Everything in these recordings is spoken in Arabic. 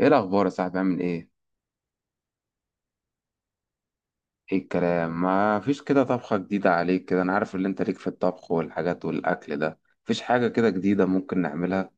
ايه الاخبار يا صاحبي؟ عامل ايه؟ ايه الكلام؟ ما فيش كده طبخة جديدة عليك كده. انا عارف ان انت ليك في الطبخ والحاجات والاكل ده. مفيش حاجة كده جديدة ممكن نعملها؟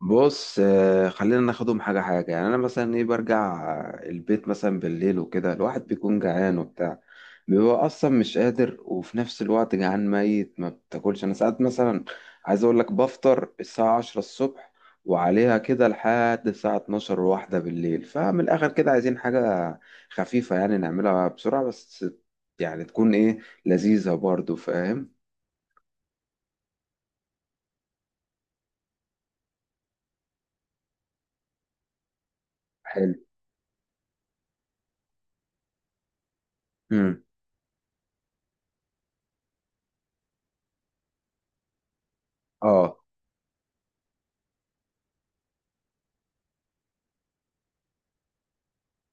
بص، خلينا ناخدهم حاجة حاجة. يعني أنا مثلا إيه؟ برجع البيت مثلا بالليل وكده، الواحد بيكون جعان وبتاع، بيبقى أصلا مش قادر وفي نفس الوقت جعان ميت ما بتاكلش. أنا ساعات مثلا عايز أقول لك بفطر الساعة 10 الصبح وعليها كده لحد الساعة 12 واحدة بالليل. فمن الآخر كده عايزين حاجة خفيفة يعني نعملها بسرعة بس. يعني تكون إيه؟ لذيذة برضو، فاهم. حلو. مم. آه.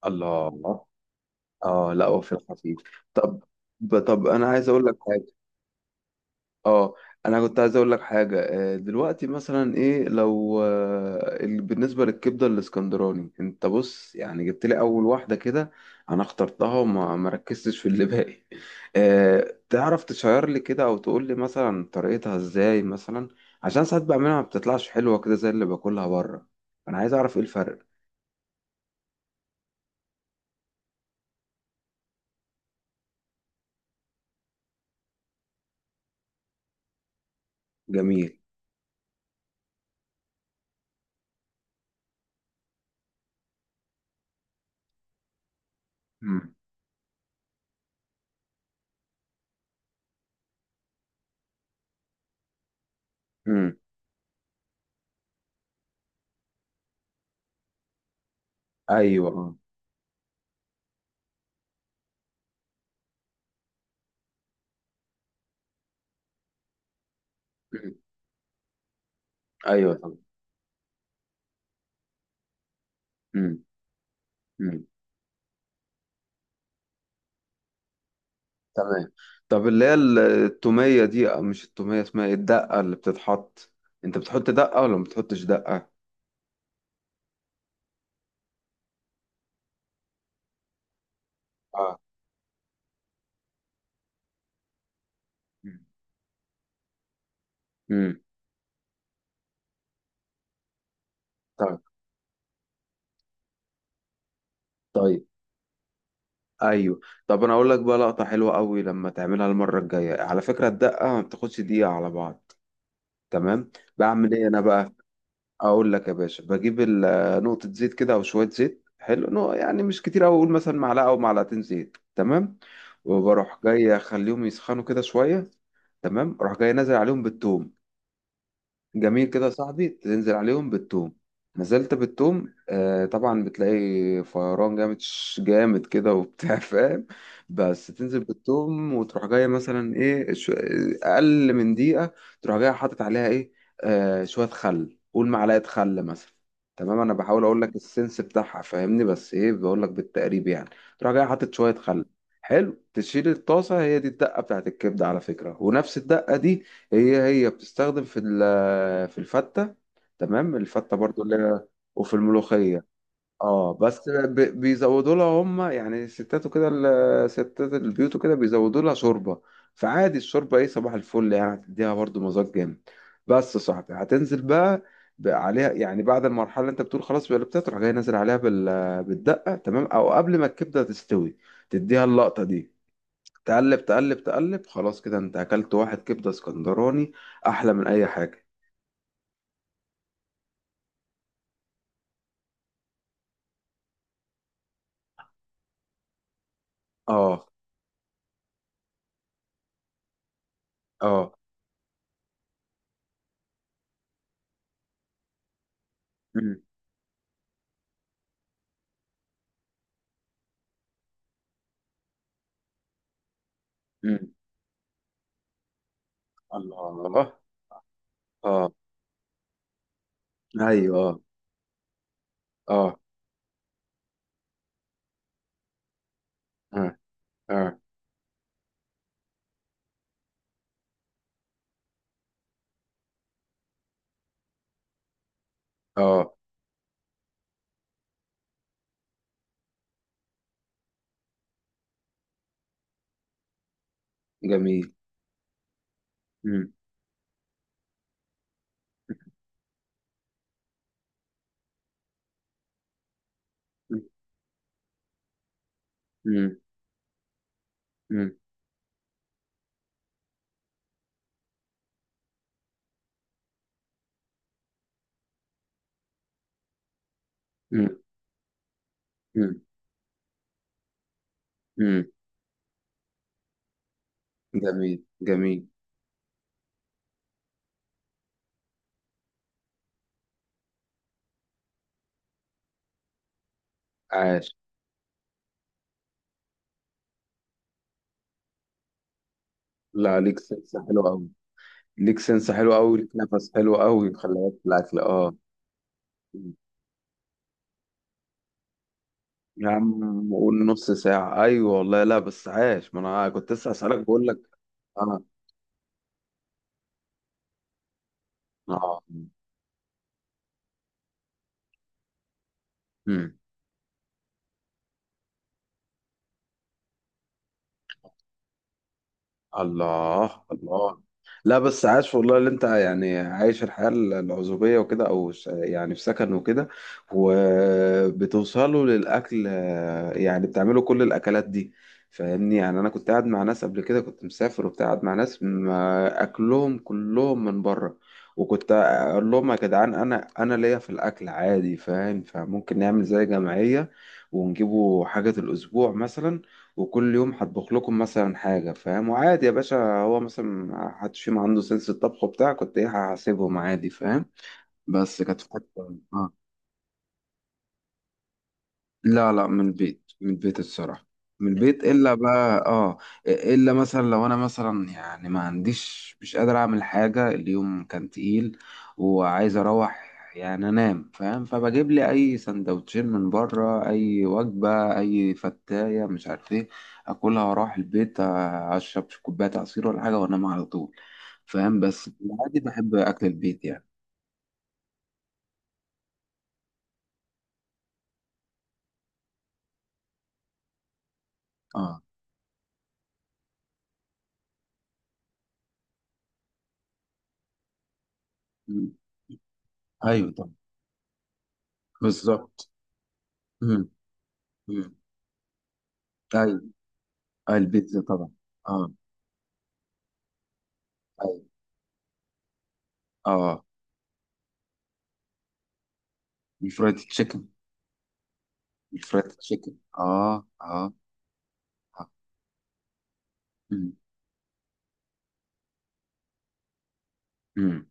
الله. اه، لا هو فيلم خفيف. طب، طب انا عايز اقول لك حاجه. اه. انا كنت عايز اقول لك حاجه. دلوقتي مثلا ايه لو بالنسبه للكبده الاسكندراني؟ انت بص، يعني جبت لي اول واحده كده انا اخترتها وما ما ركزتش في اللي باقي. تعرف تشير لي كده او تقول لي مثلا طريقتها ازاي مثلا؟ عشان ساعات بعملها ما بتطلعش حلوه كده زي اللي باكلها بره. انا عايز اعرف ايه الفرق. جميل. امم. ايوه. اه. مم. ايوه طبعا. مم. مم. تمام. طب، اللي هي التومية دي، أو مش التومية، اسمها ايه، الدقة اللي بتتحط؟ انت بتحط دقة ولا ما بتحطش دقة؟ اه. امم. طيب. طيب. ايوه. طب، انا اقول لك بقى لقطة حلوة قوي لما تعملها المرة الجاية. على فكرة الدقة ما بتاخدش دقيقة على بعض. تمام. بعمل ايه انا بقى؟ اقول لك يا باشا، بجيب نقطة زيت كده او شوية زيت حلو، يعني مش كتير أوي. اقول مثلا معلقة او معلقتين زيت، تمام. وبروح جاي اخليهم يسخنوا كده شوية. تمام، اروح جاي نازل عليهم بالثوم. جميل كده يا صاحبي، تنزل عليهم بالثوم، نزلت بالثوم. آه طبعا بتلاقي فيران جامد، جامد كده وبتاع فاهم. بس تنزل بالثوم وتروح جايه مثلا ايه، شو، اقل من دقيقه. تروح جايه حاطط عليها ايه؟ آه، شويه خل، قول معلقه خل مثلا. تمام، انا بحاول اقول لك السنس بتاعها، فاهمني. بس ايه، بقول لك بالتقريب يعني. تروح جايه حاطط شويه خل. حلو، تشيل الطاسه. هي دي الدقه بتاعت الكبده على فكره، ونفس الدقه دي هي هي بتستخدم في الفتة تمام، الفتة برضو اللي هي وفي الملوخية. اه، بس بيزودوا لها هم، يعني الستات وكده، ستات البيوت وكده بيزودوا لها شوربة. فعادي الشوربة، ايه، صباح الفل، يعني هتديها برضو مذاق جامد. بس يا صاحبي هتنزل بقى، بقى عليها، يعني بعد المرحلة اللي انت بتقول خلاص قلبتها، تروح جاي نازل عليها بالدقة. تمام، او قبل ما الكبدة تستوي تديها اللقطة دي. تقلب تقلب تقلب، خلاص كده انت اكلت واحد كبده اسكندراني احلى من اي حاجه. اه. اه. مم. مم. الله. اه. ايوه. اه. اه. اه. اه. آه. جميل. مم. مم. مم. مم. مم. مم. مم. جميل جميل. عاش. لا، ليك سنس حلو قوي، ليك سنس حلو قوي، ليك نفس حلو قوي، خلي بالك في الاكل. اه. مم. يا عم قول نص ساعة. أيوة والله. لا بس عاش، ما أنا كنت لسه هسألك بقول لك. آه. اه. امم. الله الله. لا بس عاش والله، اللي انت يعني عايش الحياة العزوبية وكده او يعني في سكن وكده وبتوصلوا للاكل، يعني بتعملوا كل الاكلات دي، فاهمني. يعني انا كنت قاعد مع ناس قبل كده، كنت مسافر وبتاع، قاعد مع ناس ما اكلهم كلهم من بره، وكنت اقول لهم يا جدعان، انا ليا في الاكل عادي، فاهم. فممكن نعمل زي جمعية ونجيبوا حاجة الأسبوع مثلا، وكل يوم هطبخ لكم مثلا حاجة، فاهم. وعادي يا باشا، هو مثلا ما حدش فيهم عنده سنس الطبخ بتاع، كنت ايه، هسيبهم عادي، فاهم. بس كانت فترة. آه. لا لا، من البيت، من البيت الصراحة. من البيت، إلا بقى آه، إلا مثلا لو أنا مثلا يعني ما عنديش، مش قادر أعمل حاجة، اليوم كان تقيل وعايز أروح يعني أنام، فاهم. فبجيب لي أي سندوتشين من بره، أي وجبة، أي فتاية مش عارف إيه، أكلها وأروح البيت، أشرب كوباية عصير ولا حاجة وأنام على طول، فاهم. بس في العادي بحب أكل البيت يعني. آه. أيوه طبعا. بالظبط. أمم. أمم. اه البيتزا طبعا. اه. ايوه. اه الفرايد تشيكن. الفرايد تشيكن. اه. اه. آه. مم. مم.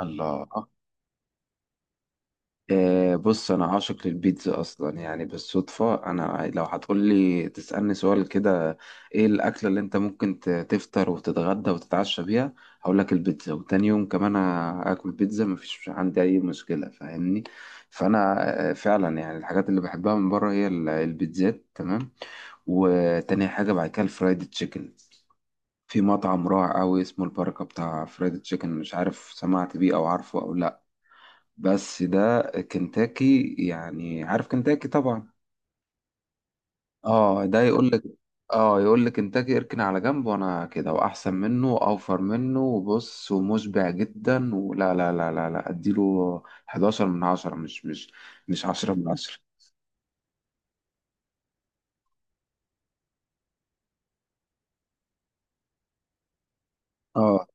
الله. بص انا عاشق للبيتزا اصلا يعني. بالصدفه انا لو هتقولي تسالني سؤال كده ايه الاكله اللي انت ممكن تفطر وتتغدى وتتعشى بيها، هقول لك البيتزا. وتاني يوم كمان اكل بيتزا مفيش عندي اي مشكله، فاهمني. فانا، فعلا يعني الحاجات اللي بحبها من بره هي البيتزات، تمام. وتاني حاجه بعد كده الفرايد تشيكن. في مطعم رائع قوي اسمه البركه بتاع فرايد تشيكن، مش عارف سمعت بيه او عارفه او لا، بس ده كنتاكي يعني. عارف كنتاكي طبعا. اه، ده يقول لك، اه، يقول لك كنتاكي اركن على جنب وانا كده، واحسن منه واوفر منه، وبص ومشبع جدا ولا، لا لا لا لا اديله 11 من 10. مش 10 من 10. اه.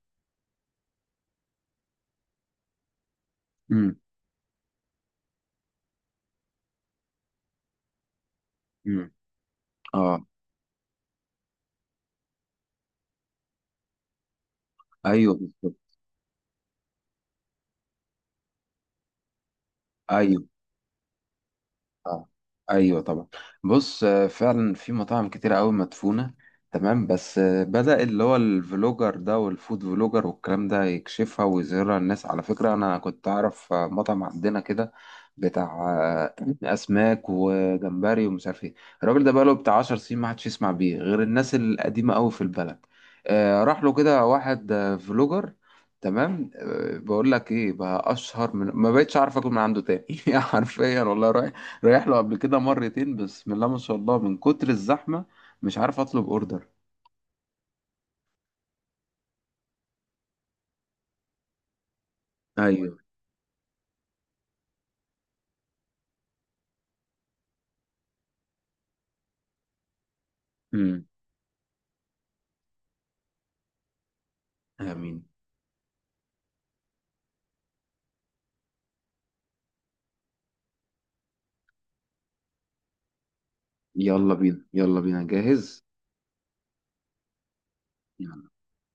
امم. امم. اه. ايوه بالظبط. ايوه. اه. ايوه طبعا. بص، فعلا في مطاعم كتيرة قوي مدفونة. تمام، بس بدأ اللي هو الفلوجر ده والفود فلوجر والكلام ده يكشفها ويظهرها للناس. على فكرة انا كنت اعرف مطعم عندنا كده بتاع اسماك وجمبري ومش عارف ايه. الراجل ده بقاله بتاع 10 سنين ما حدش يسمع بيه غير الناس القديمة قوي في البلد. راح له كده واحد فلوجر، تمام. بقول لك ايه بقى، اشهر من ما بقتش عارف اكل من عنده تاني حرفيا والله. رايح رايح له قبل كده مرتين، بسم الله ما شاء الله، من كتر الزحمة مش عارف اطلب اوردر. ايوه. امم. امين. يلا بينا. يلا بينا جاهز. يلا.